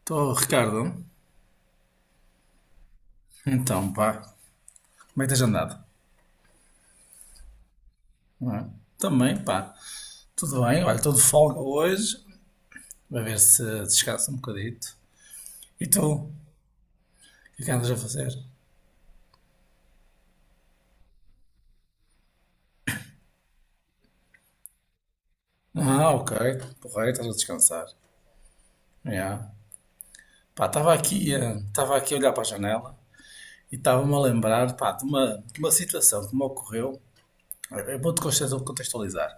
Estou, Ricardo. Então, pá, como é que tens andado? Não é? Também, pá, tudo bem. Olha, estou de folga hoje, vai ver se descanso um bocadito. E tu? O que é que andas a fazer? Ah, ok, porreiro, estás a descansar. Yeah. Pá, estava aqui a olhar para a janela e estava-me a lembrar, pá, de uma situação que me ocorreu. Eu vou-te contextualizar.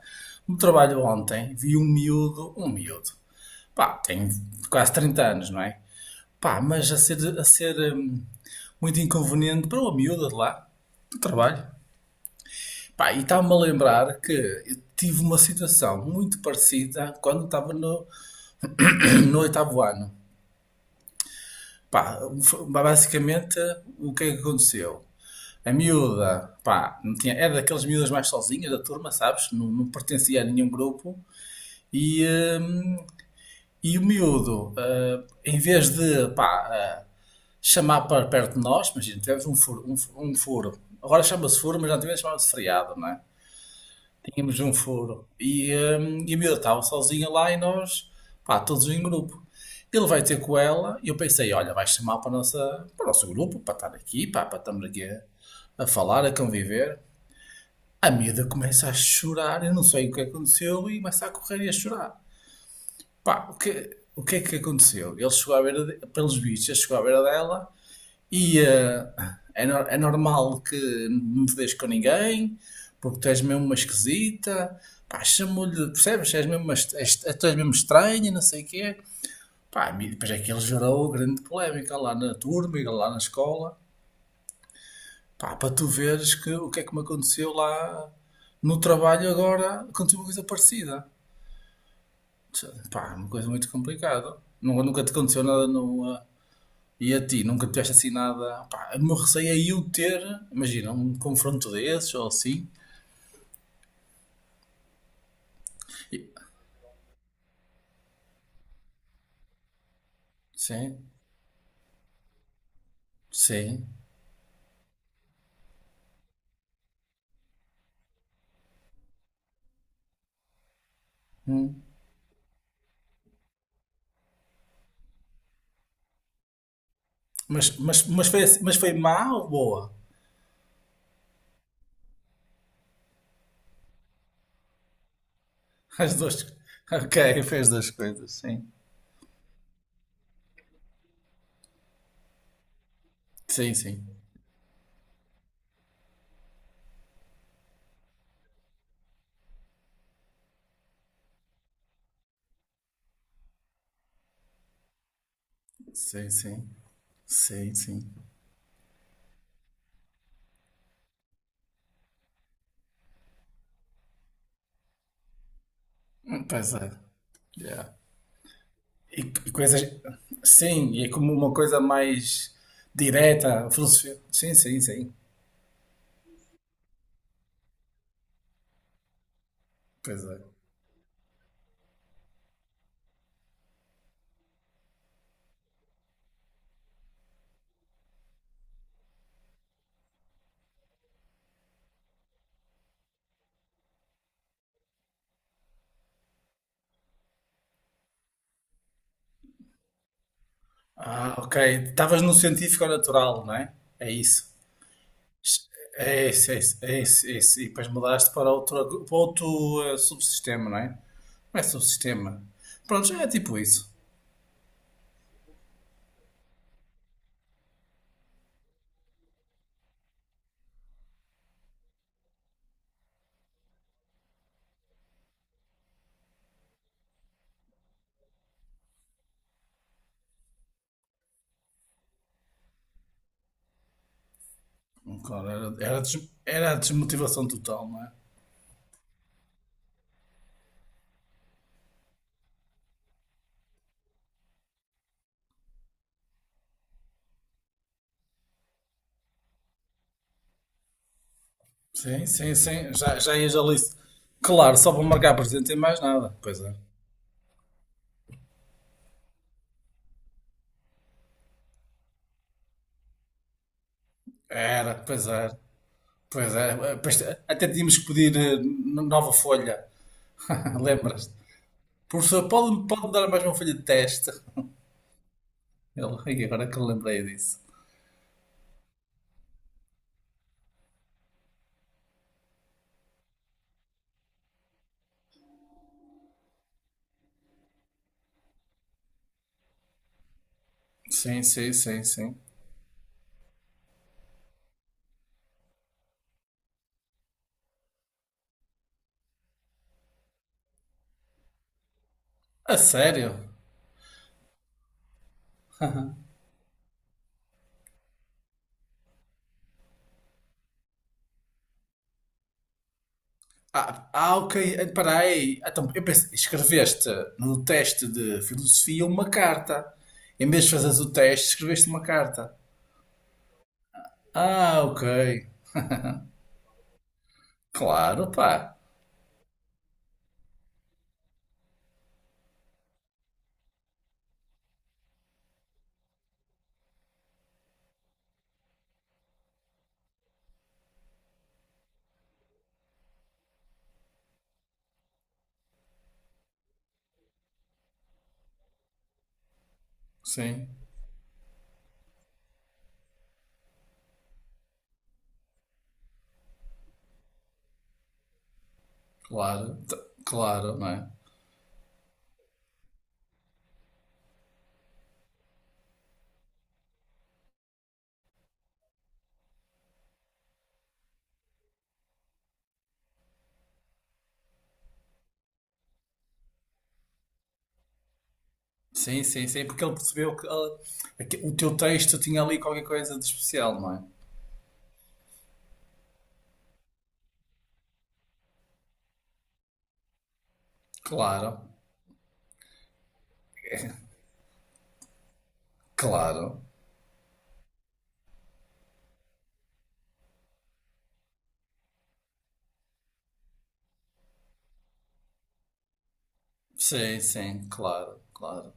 No trabalho ontem, vi um miúdo, pá, tem quase 30 anos, não é? Pá, mas a ser muito inconveniente para uma miúda de lá, do trabalho. Pá, e estava-me a lembrar que eu tive uma situação muito parecida quando estava no oitavo ano. Pá, basicamente, o que é que aconteceu? A miúda, pá, não tinha, era daquelas miúdas mais sozinhas da turma, sabes? Não, não pertencia a nenhum grupo. E, hum, E o miúdo, em vez de pá, chamar para perto de nós, imagina, tivemos um furo, um furo. Agora chama-se furo, mas antigamente chamava-se freado, não é? Tínhamos um furo. E a miúda estava sozinha lá e nós, pá, todos em grupo. Ele vai ter com ela e eu pensei, olha, vai chamar para o nosso grupo, para estar aqui, pá, para estarmos aqui a falar, a conviver. A miúda começa a chorar, eu não sei o que aconteceu, e começa a correr e a chorar. Pá, o que é que aconteceu? Ele chegou à beira, de, pelos bichos, ele chegou à beira dela e é normal que não te deixes com ninguém, porque tu és mesmo uma esquisita, pá, chamou-lhe, percebes? És mesmo uma, est- és, tu és mesmo estranha, não sei o quê. Pá, e depois é que ele gerou grande polémica lá na turma e lá na escola, pá, para tu veres que, o que é que me aconteceu lá no trabalho agora aconteceu uma coisa parecida. Pá, uma coisa muito complicada. Nunca te aconteceu nada no, ah, E a ti, nunca tiveste assim nada. Pá, o meu receio é eu ter, imagina, um confronto desses ou assim. E- Sim, sim. Hum. Mas foi má ou boa? As duas. Ok, fez as duas coisas, sim. Sim, sim. Sim, sim. Sim, sim. Hum. Pois é. Yeah. E coisas. Sim, e é como uma coisa mais direta, filosofia. Sim, sim, sim. Pois é. Ah, ok. Estavas no científico ou natural, não é? É isso. É isso, é isso, é isso, é isso. E depois mudaste para outro, subsistema, não é? Não é subsistema. Pronto, já é tipo isso. Claro, era a desmotivação total, não é? Sim, sim, sim. Já ias ali. Claro, só para marcar presente e mais nada. Pois é. Era, pois era. Pois era. Pois, até tínhamos que pedir nova folha. Lembras-te? Professor, pode dar mais uma folha de teste? Ele, "Ai, agora que eu lembrei disso." Sim, sim, sim, sim. A sério? Ah, ok. Espera aí. Então, eu pensei, escreveste no teste de filosofia uma carta. Em vez de fazeres o teste, escreveste uma carta. Ah, ok. Claro, pá. Sim, claro. Claro, não é? Sim, sim, sim. Porque ele percebeu que o teu texto tinha ali qualquer coisa de especial, não é? Claro, claro. Sim, sim, claro, claro.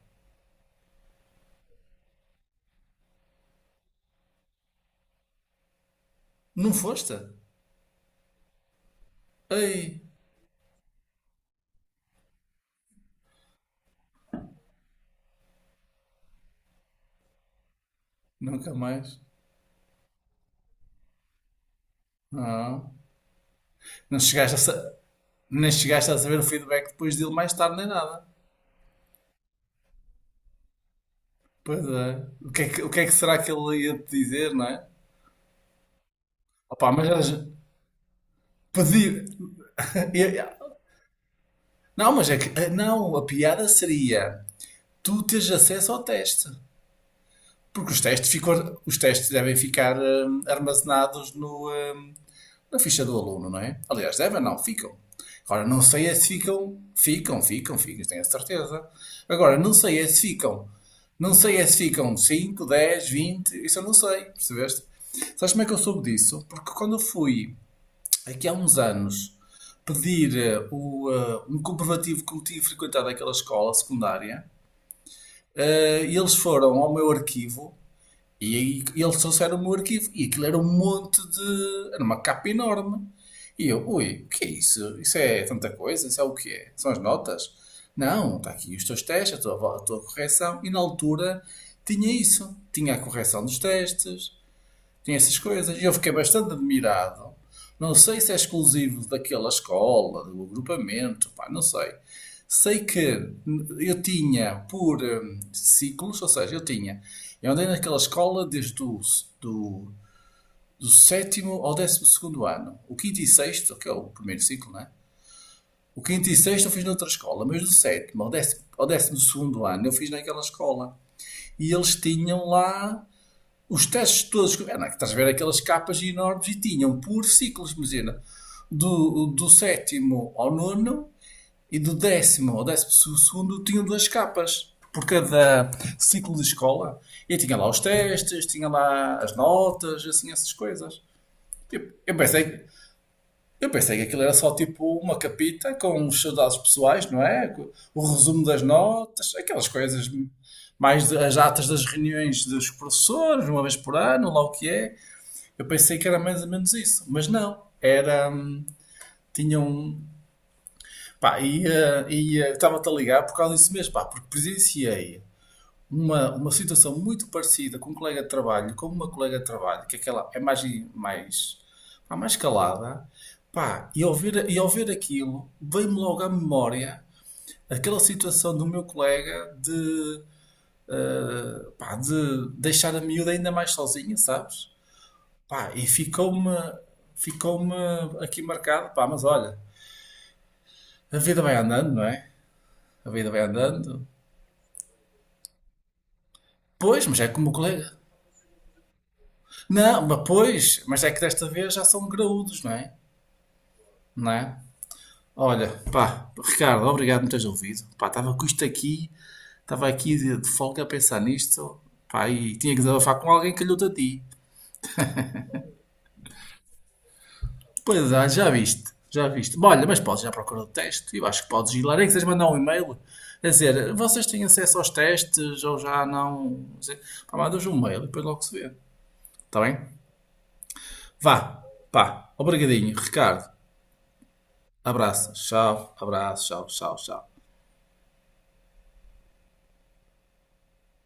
Não foste? Ei, nunca mais. Não. Não chegaste a, sa- nem chegaste a saber o feedback depois dele mais tarde, nem nada. Pois é. O que é que será que ele ia te dizer, não é? Opa, mas pedir. eh, eh, Não, mas é que. Não, a piada seria tu teres acesso ao teste. Porque os testes devem ficar armazenados no, eh, na ficha do aluno, não é? Aliás, devem, não, ficam. Agora, não sei é se ficam, tenho a certeza. Agora, não sei é se ficam 5, 10, 20, isso eu não sei, percebeste? Sabes como é que eu soube disso? Porque quando eu fui, aqui há uns anos, pedir um comprovativo que eu tinha frequentado aquela escola secundária, e eles foram ao meu arquivo e, aí eles trouxeram-me o meu arquivo e aquilo era um monte de. Era uma capa enorme. E eu, ui, o que é isso? Isso é tanta coisa? Isso é o que é? São as notas? Não, está aqui os teus testes, a tua correção. E na altura tinha isso. Tinha a correção dos testes, tinha essas coisas. E eu fiquei bastante admirado. Não sei se é exclusivo daquela escola, do agrupamento, pá, não sei. Sei que eu tinha por ciclos, ou seja, eu tinha. Eu andei naquela escola desde o do, do sétimo ao 12º ano. O quinto e sexto, que é o primeiro ciclo, né? O quinto e sexto eu fiz noutra escola, mas do sétimo ao 12º ano eu fiz naquela escola. E eles tinham lá os testes todos. É, não, estás a ver aquelas capas enormes e tinham por ciclos, imagina. Do sétimo ao nono e do 10º ao 12º tinham duas capas por cada ciclo de escola. E tinha lá os testes, tinha lá as notas, assim, essas coisas. Tipo, eu pensei que aquilo era só tipo uma capita com os seus dados pessoais, não é? O resumo das notas, aquelas coisas as atas das reuniões dos professores, uma vez por ano, lá o que é. Eu pensei que era mais ou menos isso, mas não. Era. Tinha um. Pá, ia. Ia Estava-te a ligar por causa disso mesmo, pá, porque presenciei uma situação muito parecida com um colega de trabalho, com uma colega de trabalho, que aquela é mais. Mais, pá, mais calada, pá, e ao ver aquilo, veio-me logo à memória aquela situação do meu colega de. Pá, de deixar a miúda ainda mais sozinha, sabes? Pá, e ficou-me aqui marcado, pá, mas olha, a vida vai andando, não é? A vida vai andando. Pois, mas é como o colega. Não, mas pois, mas é que desta vez já são graúdos, não é? Não é? Olha, pá, Ricardo, obrigado por me teres ouvido. Pá, estava com isto aqui, estava aqui de folga a pensar nisto, pá, e tinha que desabafar com alguém que lhe a ti. Pois é, já viste, já viste. Bom, olha, mas podes ir à procura do teste. Eu acho que podes ir lá, nem que seja mandar um e-mail a dizer vocês têm acesso aos testes ou já não. Pá, mandas um e-mail e depois logo se vê. Está bem? Vá, pá, obrigadinho, Ricardo. Abraço, tchau, tchau, tchau.